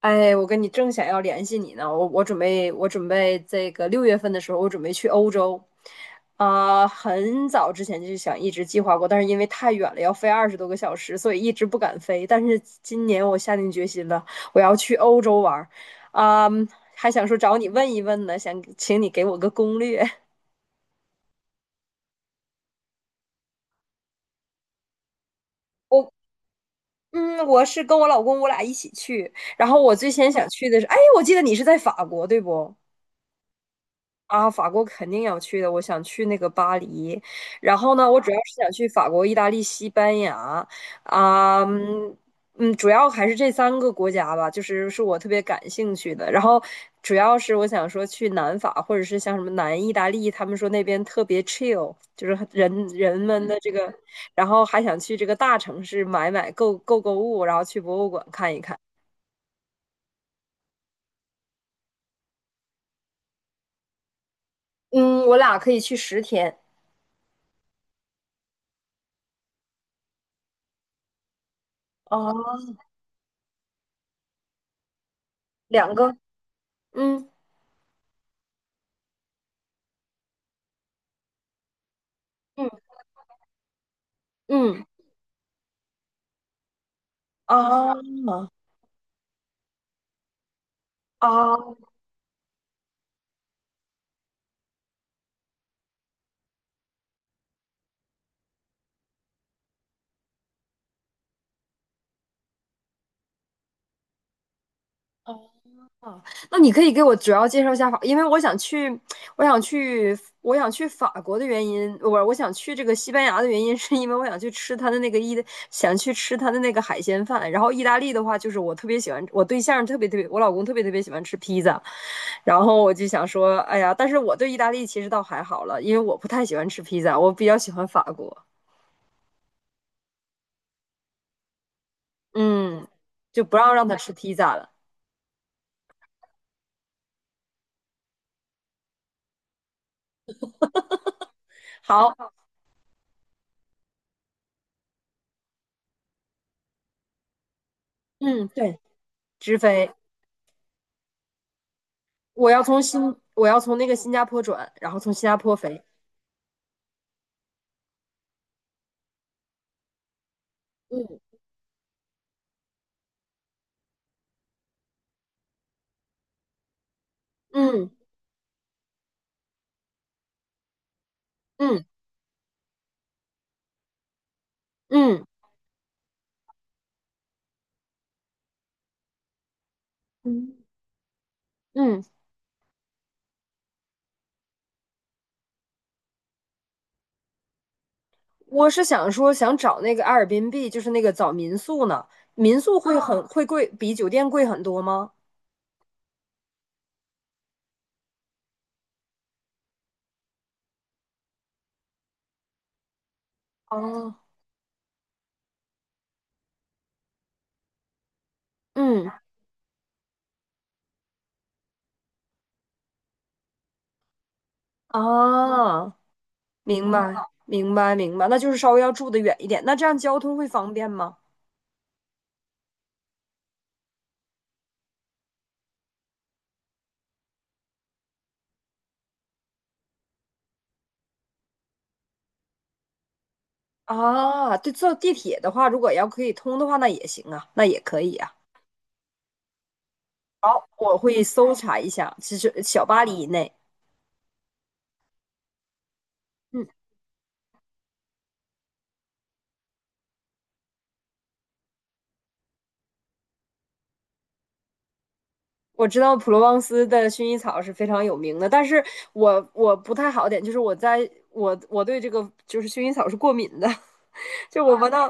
哎，我跟你正想要联系你呢，我准备这个6月份的时候，我准备去欧洲。啊、很早之前就想一直计划过，但是因为太远了，要飞20多个小时，所以一直不敢飞。但是今年我下定决心了，我要去欧洲玩儿。啊、还想说找你问一问呢，想请你给我个攻略。我嗯，我是跟我老公我俩一起去，然后我最先想去的是，哎，我记得你是在法国，对不？啊，法国肯定要去的，我想去那个巴黎，然后呢，我主要是想去法国、意大利、西班牙。啊，主要还是这三个国家吧，就是我特别感兴趣的。然后主要是我想说去南法，或者是像什么南意大利，他们说那边特别 chill，就是很人们的这个。然后还想去这个大城市买买购购购物，然后去博物馆看一看。嗯，我俩可以去10天。哦，两个。嗯嗯嗯。啊哦哦，那你可以给我主要介绍一下法，因为我想去法国的原因，我想去这个西班牙的原因，是因为我想去吃它的那个意大，想去吃它的那个海鲜饭。然后意大利的话，就是我特别喜欢，我老公特别特别喜欢吃披萨。然后我就想说，哎呀，但是我对意大利其实倒还好了，因为我不太喜欢吃披萨，我比较喜欢法国。嗯，就不让他吃披萨了。好，嗯，对，直飞。我要从新，我要从那个新加坡转，然后从新加坡飞。嗯嗯嗯嗯嗯嗯，我是想说，想找那个阿尔 r b 就是那个找民宿呢。民宿会很啊会贵，比酒店贵很多吗？哦嗯啊，明白明白明白，那就是稍微要住的远一点。那这样交通会方便吗？啊，对，坐地铁的话，如果要可以通的话，那也行啊，那也可以啊。我会搜查一下，其实小巴黎以内。嗯。我知道普罗旺斯的薰衣草是非常有名的，但是我不太好点，就是我在我我对这个就是薰衣草是过敏的。就我闻到。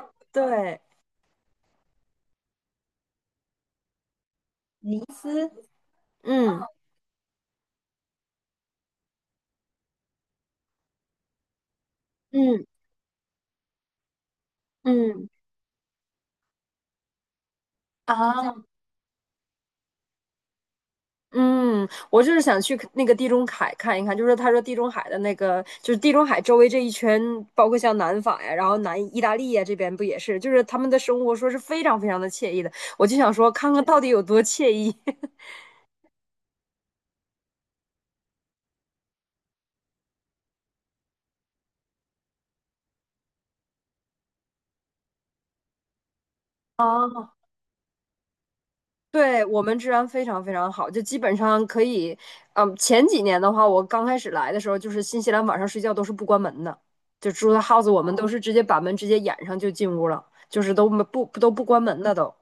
斯嗯嗯嗯啊，嗯，我就是想去那个地中海看一看，就是他说地中海的那个，就是地中海周围这一圈，包括像南法呀，然后南意大利呀这边不也是，就是他们的生活说是非常非常的惬意的，我就想说看看到底有多惬意。对，我们治安非常非常好，就基本上可以。前几年的话，我刚开始来的时候，就是新西兰晚上睡觉都是不关门的，就住的 house，我们都是直接把门直接掩上就进屋了，就是都没不都不关门的都。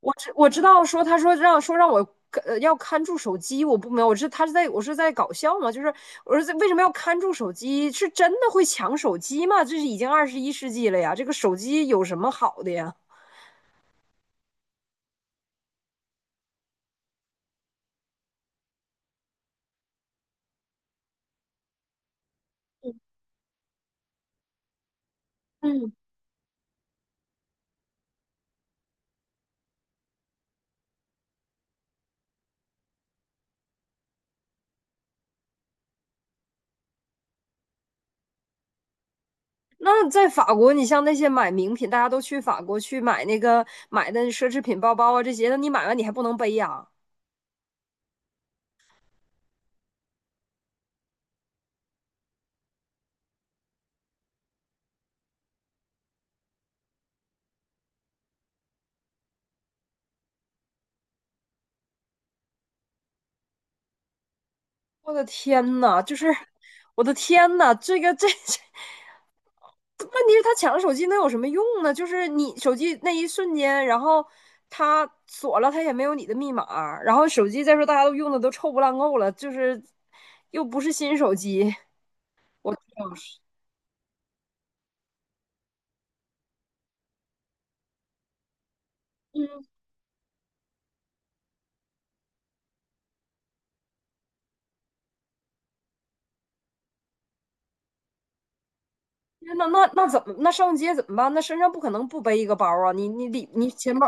我知道说他说让我要看住手机，我不明白，我是在搞笑吗？就是我说这为什么要看住手机？是真的会抢手机吗？这是已经21世纪了呀，这个手机有什么好的呀？嗯。那在法国，你像那些买名品，大家都去法国去买那个买的奢侈品包包啊这些，那你买完你还不能背呀、我的天呐，就是我的天呐。这个这这，问题是他抢了手机能有什么用呢？就是你手机那一瞬间，然后他锁了，他也没有你的密码，然后手机再说大家都用的都臭不烂够了，就是又不是新手机。我天呐，那怎么上街怎么办？那身上不可能不背一个包啊！你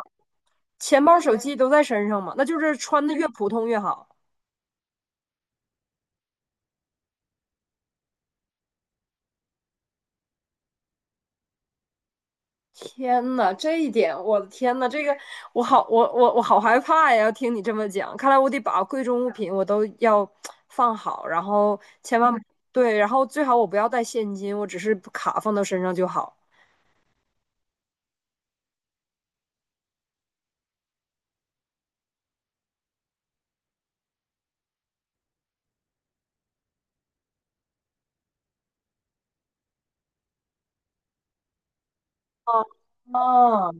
钱包、手机都在身上嘛，那就是穿的越普通越好。天呐，这一点，我的天呐，我好害怕呀！要听你这么讲，看来我得把贵重物品我都要放好，然后千万对，然后最好我不要带现金，我只是卡放到身上就好。啊，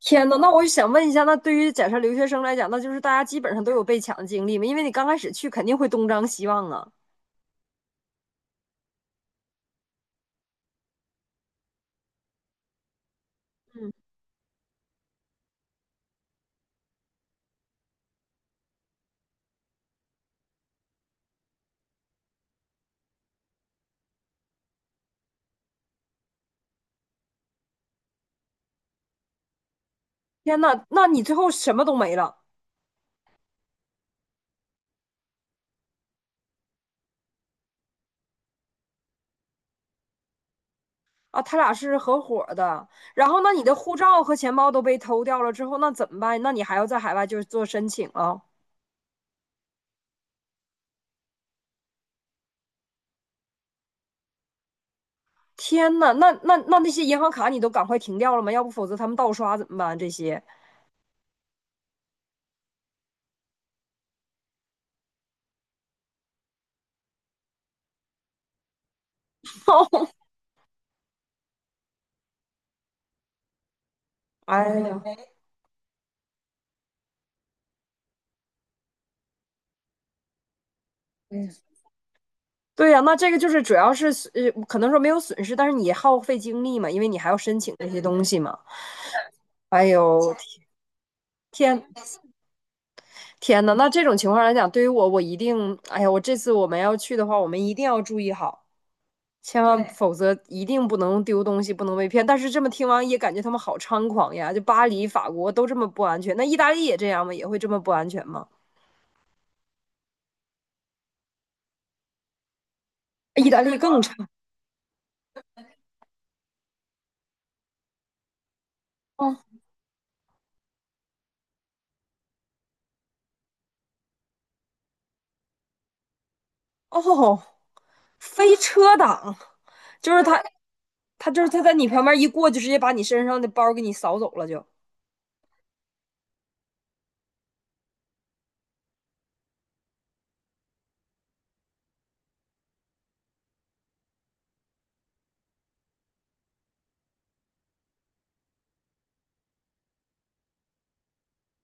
天呐，那我就想问一下，那对于假设留学生来讲，那就是大家基本上都有被抢的经历嘛，因为你刚开始去肯定会东张西望啊。嗯，天呐，那你最后什么都没了。啊，他俩是合伙的。然后，那你的护照和钱包都被偷掉了之后，那怎么办？那你还要在海外就是做申请啊？天呐，那那些银行卡你都赶快停掉了吗？要不否则他们盗刷怎么办？这些。哎呀，对呀、那这个就是主要是可能说没有损失，但是你耗费精力嘛，因为你还要申请这些东西嘛。哎呦，天天呐，那这种情况来讲，对于我，我一定，哎呀，我这次我们要去的话，我们一定要注意好。千万，对否则一定不能丢东西，不能被骗。但是这么听完也感觉他们好猖狂呀！就巴黎、法国都这么不安全，那意大利也这样吗？也会这么不安全吗？意大利更差。猖哦哦，飞车党就是他，他就是他在你旁边一过，就直接把你身上的包给你扫走了，就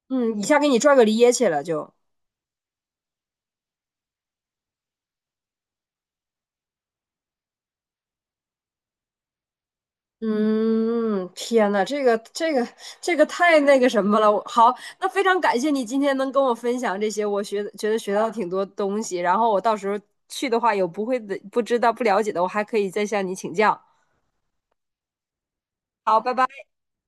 嗯，一下给你拽个趔趄了就。嗯，天呐，这个太那个什么了。那非常感谢你今天能跟我分享这些，我觉得学到挺多东西。然后我到时候去的话，有不会的、不知道、不了解的，我还可以再向你请教。好，拜拜。